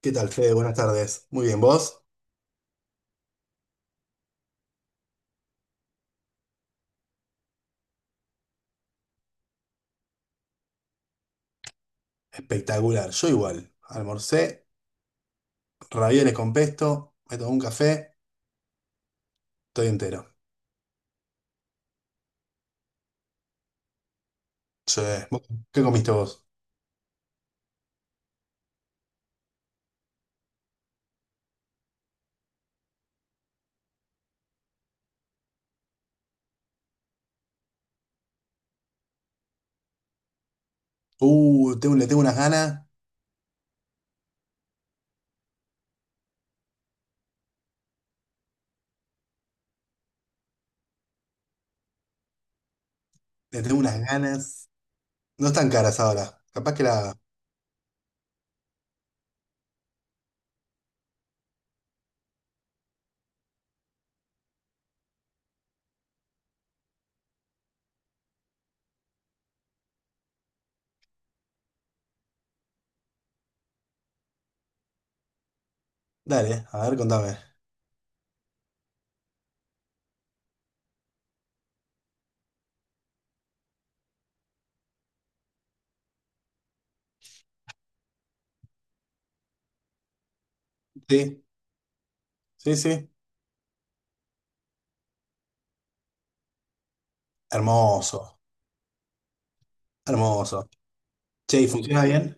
¿Qué tal, Fede? Buenas tardes. Muy bien, ¿vos? Espectacular. Yo igual. Almorcé, ravioles con pesto, me tomé un café, estoy entero. Sí. ¿Vos ¿Qué comiste vos? Le tengo unas ganas, le tengo unas ganas. No están caras ahora. Capaz que la. Dale, a ver, contame. Sí, sí, sí. Hermoso, hermoso. Che, ¿y funciona bien?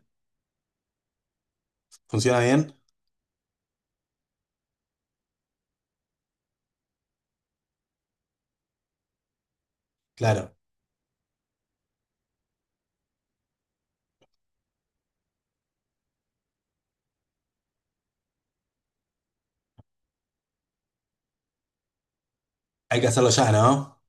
¿Funciona bien? Claro. Hay que hacerlo ya, ¿no?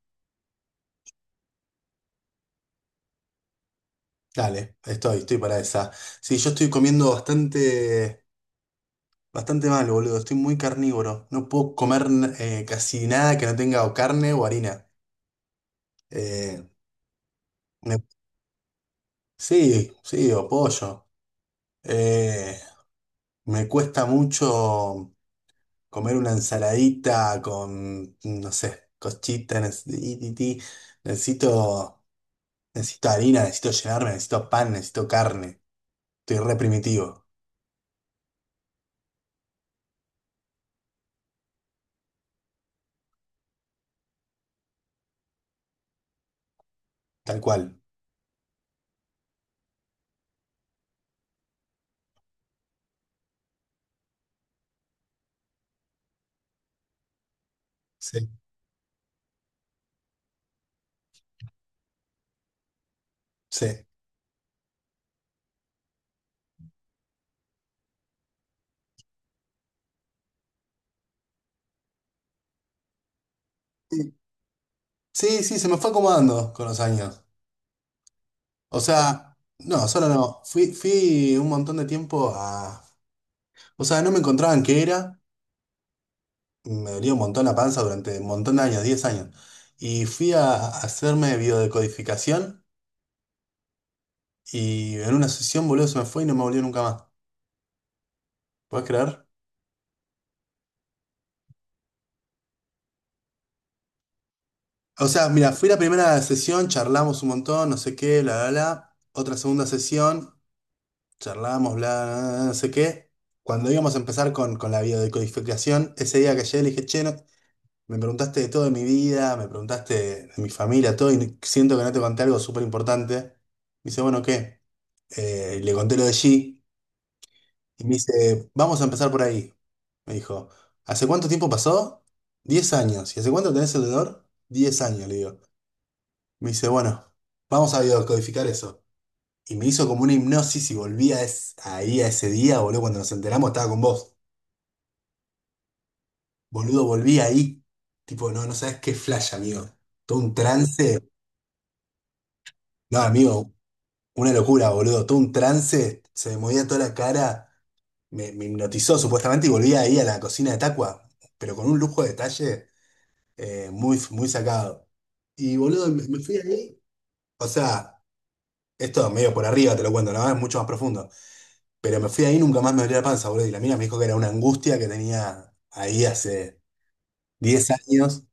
Dale, estoy para esa. Sí, yo estoy comiendo bastante mal, boludo. Estoy muy carnívoro. No puedo comer casi nada que no tenga o carne o harina. Eh, me- sí, sí, o pollo. Eh, Me cuesta mucho comer una ensaladita con, no sé, cochita. Necesito, necesito harina, necesito llenarme, necesito pan, necesito carne. Estoy re primitivo, tal cual. Sí. Sí. Sí, sí, se me fue acomodando con los años. O sea, no, solo no. Fui un montón de tiempo a. O sea, no me encontraban qué era. Me dolía un montón la panza durante un montón de años, 10 años. Y fui a hacerme biodecodificación y en una sesión, boludo, se me fue y no me volvió nunca más. ¿Puedes creer? O sea, mira, fui la primera sesión, charlamos un montón, no sé qué, bla, bla, bla. Otra segunda sesión, charlamos, bla, bla, bla, no sé qué. Cuando íbamos a empezar con la biodecodificación, ese día que llegué le dije, che, no, me preguntaste de todo de mi vida, me preguntaste de mi familia, todo, y siento que no te conté algo súper importante. Me dice, bueno, ¿qué? Y le conté lo de G, y me dice, vamos a empezar por ahí. Me dijo, ¿hace cuánto tiempo pasó? 10 años. ¿Y hace cuánto tenés el dolor? 10 años, le digo. Me dice, bueno, vamos a biodescodificar eso. Y me hizo como una hipnosis y volví ahí a ese día, boludo, cuando nos enteramos estaba con vos. Boludo, volví ahí. Tipo, no, no sabes qué flash, amigo. Todo un trance. No, amigo, una locura, boludo. Todo un trance, se me movía toda la cara, me hipnotizó supuestamente y volví ahí a la cocina de Tacua, pero con un lujo de detalle muy, muy sacado. Y boludo, me fui ahí. O sea, esto medio por arriba te lo cuento, ¿no? Es mucho más profundo. Pero me fui ahí, y nunca más me dolió la panza, boludo. Y la mina me dijo que era una angustia que tenía ahí hace 10 años.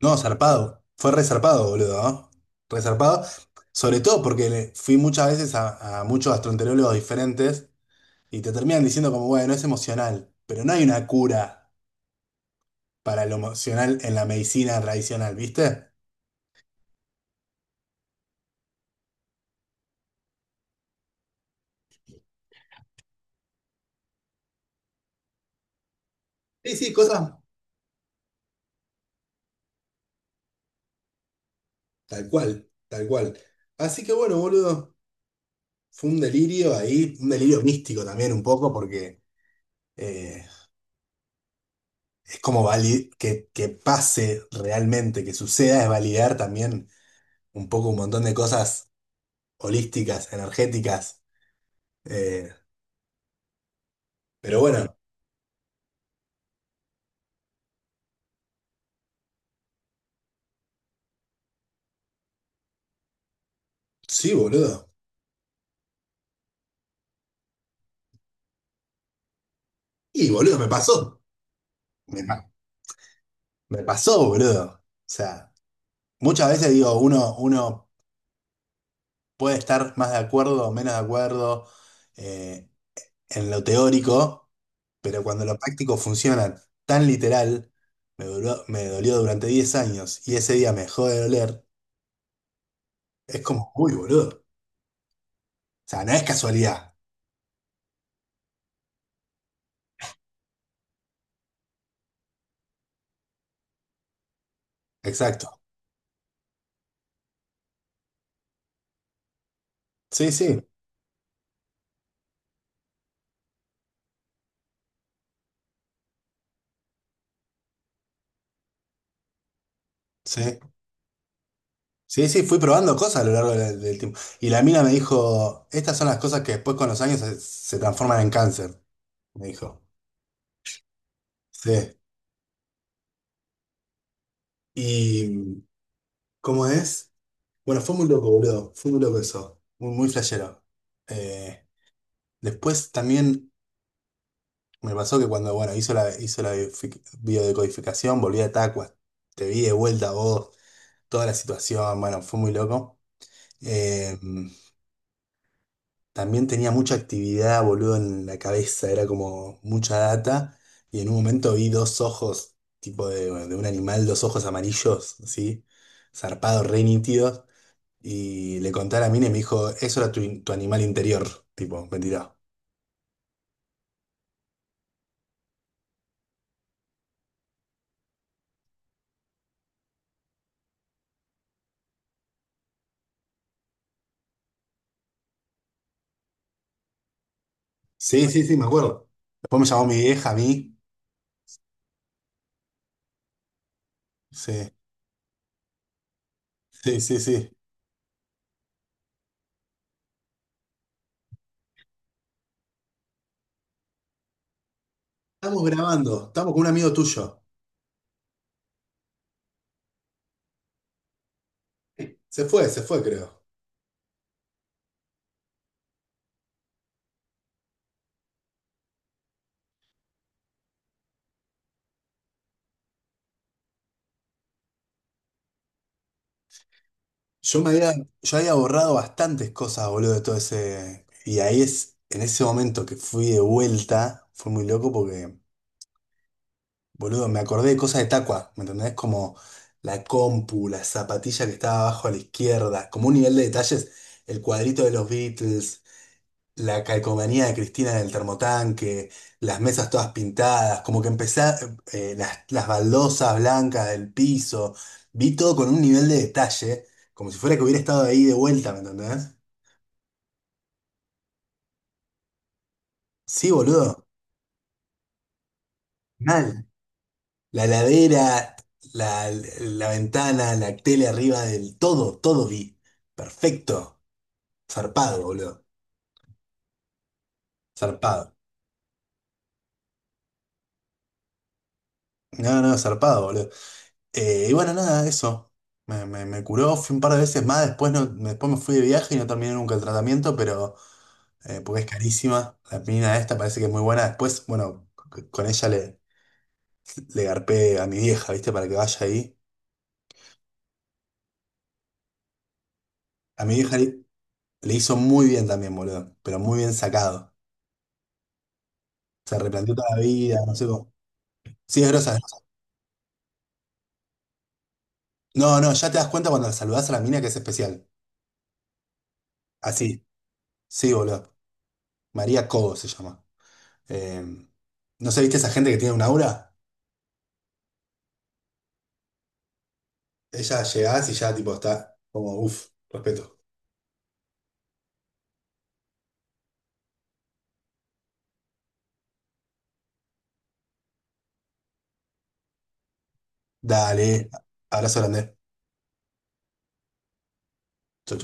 No, zarpado. Fue resarpado, boludo, ¿no? Resarpado. Sobre todo porque fui muchas veces a muchos gastroenterólogos diferentes y te terminan diciendo como, bueno, es emocional, pero no hay una cura para lo emocional en la medicina tradicional, ¿viste? Sí, sí, cosas tal cual, tal cual. Así que bueno, boludo, fue un delirio ahí, un delirio místico también un poco porque eh, es como que pase realmente, que suceda, es validar también un poco un montón de cosas holísticas, energéticas. eh, pero bueno, sí, boludo. Y boludo, me pasó. Me, pa- me pasó, boludo. O sea, muchas veces digo, uno puede estar más de acuerdo o menos de acuerdo eh, en lo teórico, pero cuando lo práctico funciona tan literal, me dolió durante 10 años y ese día me dejó de doler. Es como, uy, boludo. O sea, no es casualidad. Exacto. Sí, sí, sí. Sí, sí, fui probando cosas a lo largo del tiempo. Y la mina me dijo, estas son las cosas que después con los años se transforman en cáncer, me dijo. Sí. ¿Y cómo es? Bueno, fue muy loco, boludo. Fue muy loco eso. Muy, muy flashero. Eh, Después también me pasó que cuando, bueno, hizo la biodecodificación, volví a Tacua. Te vi de vuelta a vos, toda la situación, bueno, fue muy loco. Eh, También tenía mucha actividad, boludo, en la cabeza, era como mucha data. Y en un momento vi dos ojos, tipo de un animal, dos ojos amarillos, así, zarpados, re nítidos. Y le conté a la mina y me dijo, eso era tu animal interior, tipo, mentira. Sí, sí, sí, me acuerdo. Después me llamó mi vieja a mí. Sí, sí, sí, sí. Estamos grabando, estamos con un amigo tuyo. Se fue, creo. Yo me había, yo había borrado bastantes cosas, boludo, de todo ese. Y en ese momento que fui de vuelta, fue muy loco porque, boludo, me acordé de cosas de Tacua, ¿me entendés? Como la compu, la zapatilla que estaba abajo a la izquierda, como un nivel de detalles, el cuadrito de los Beatles, la calcomanía de Cristina en el termotanque, las mesas todas pintadas, como que empecé, las baldosas blancas del piso, vi todo con un nivel de detalle, como si fuera que hubiera estado ahí de vuelta, ¿me entendés? Sí, boludo, mal. La heladera, la, la ventana, la tele arriba del todo, todo vi. Perfecto. Zarpado, boludo. Zarpado. No, no, zarpado, boludo. Y bueno, nada, eso. Me curó, fui un par de veces más, después, no, después me fui de viaje y no terminé nunca el tratamiento, pero porque es carísima. La mina esta parece que es muy buena. Después, bueno, con ella le garpé a mi vieja, ¿viste? Para que vaya ahí. A mi vieja le hizo muy bien también, boludo, pero muy bien sacado. Se replanteó toda la vida, no sé cómo. Sí, es grosa. Es grosa. No, no, ya te das cuenta cuando saludás a la mina que es especial. Así. Sí, boludo. María Cobo se llama. Eh, ¿No sé, viste esa gente que tiene un aura? Ella llegás y ya tipo está como, uff, respeto. Dale, abrazo grande. Chau, chau.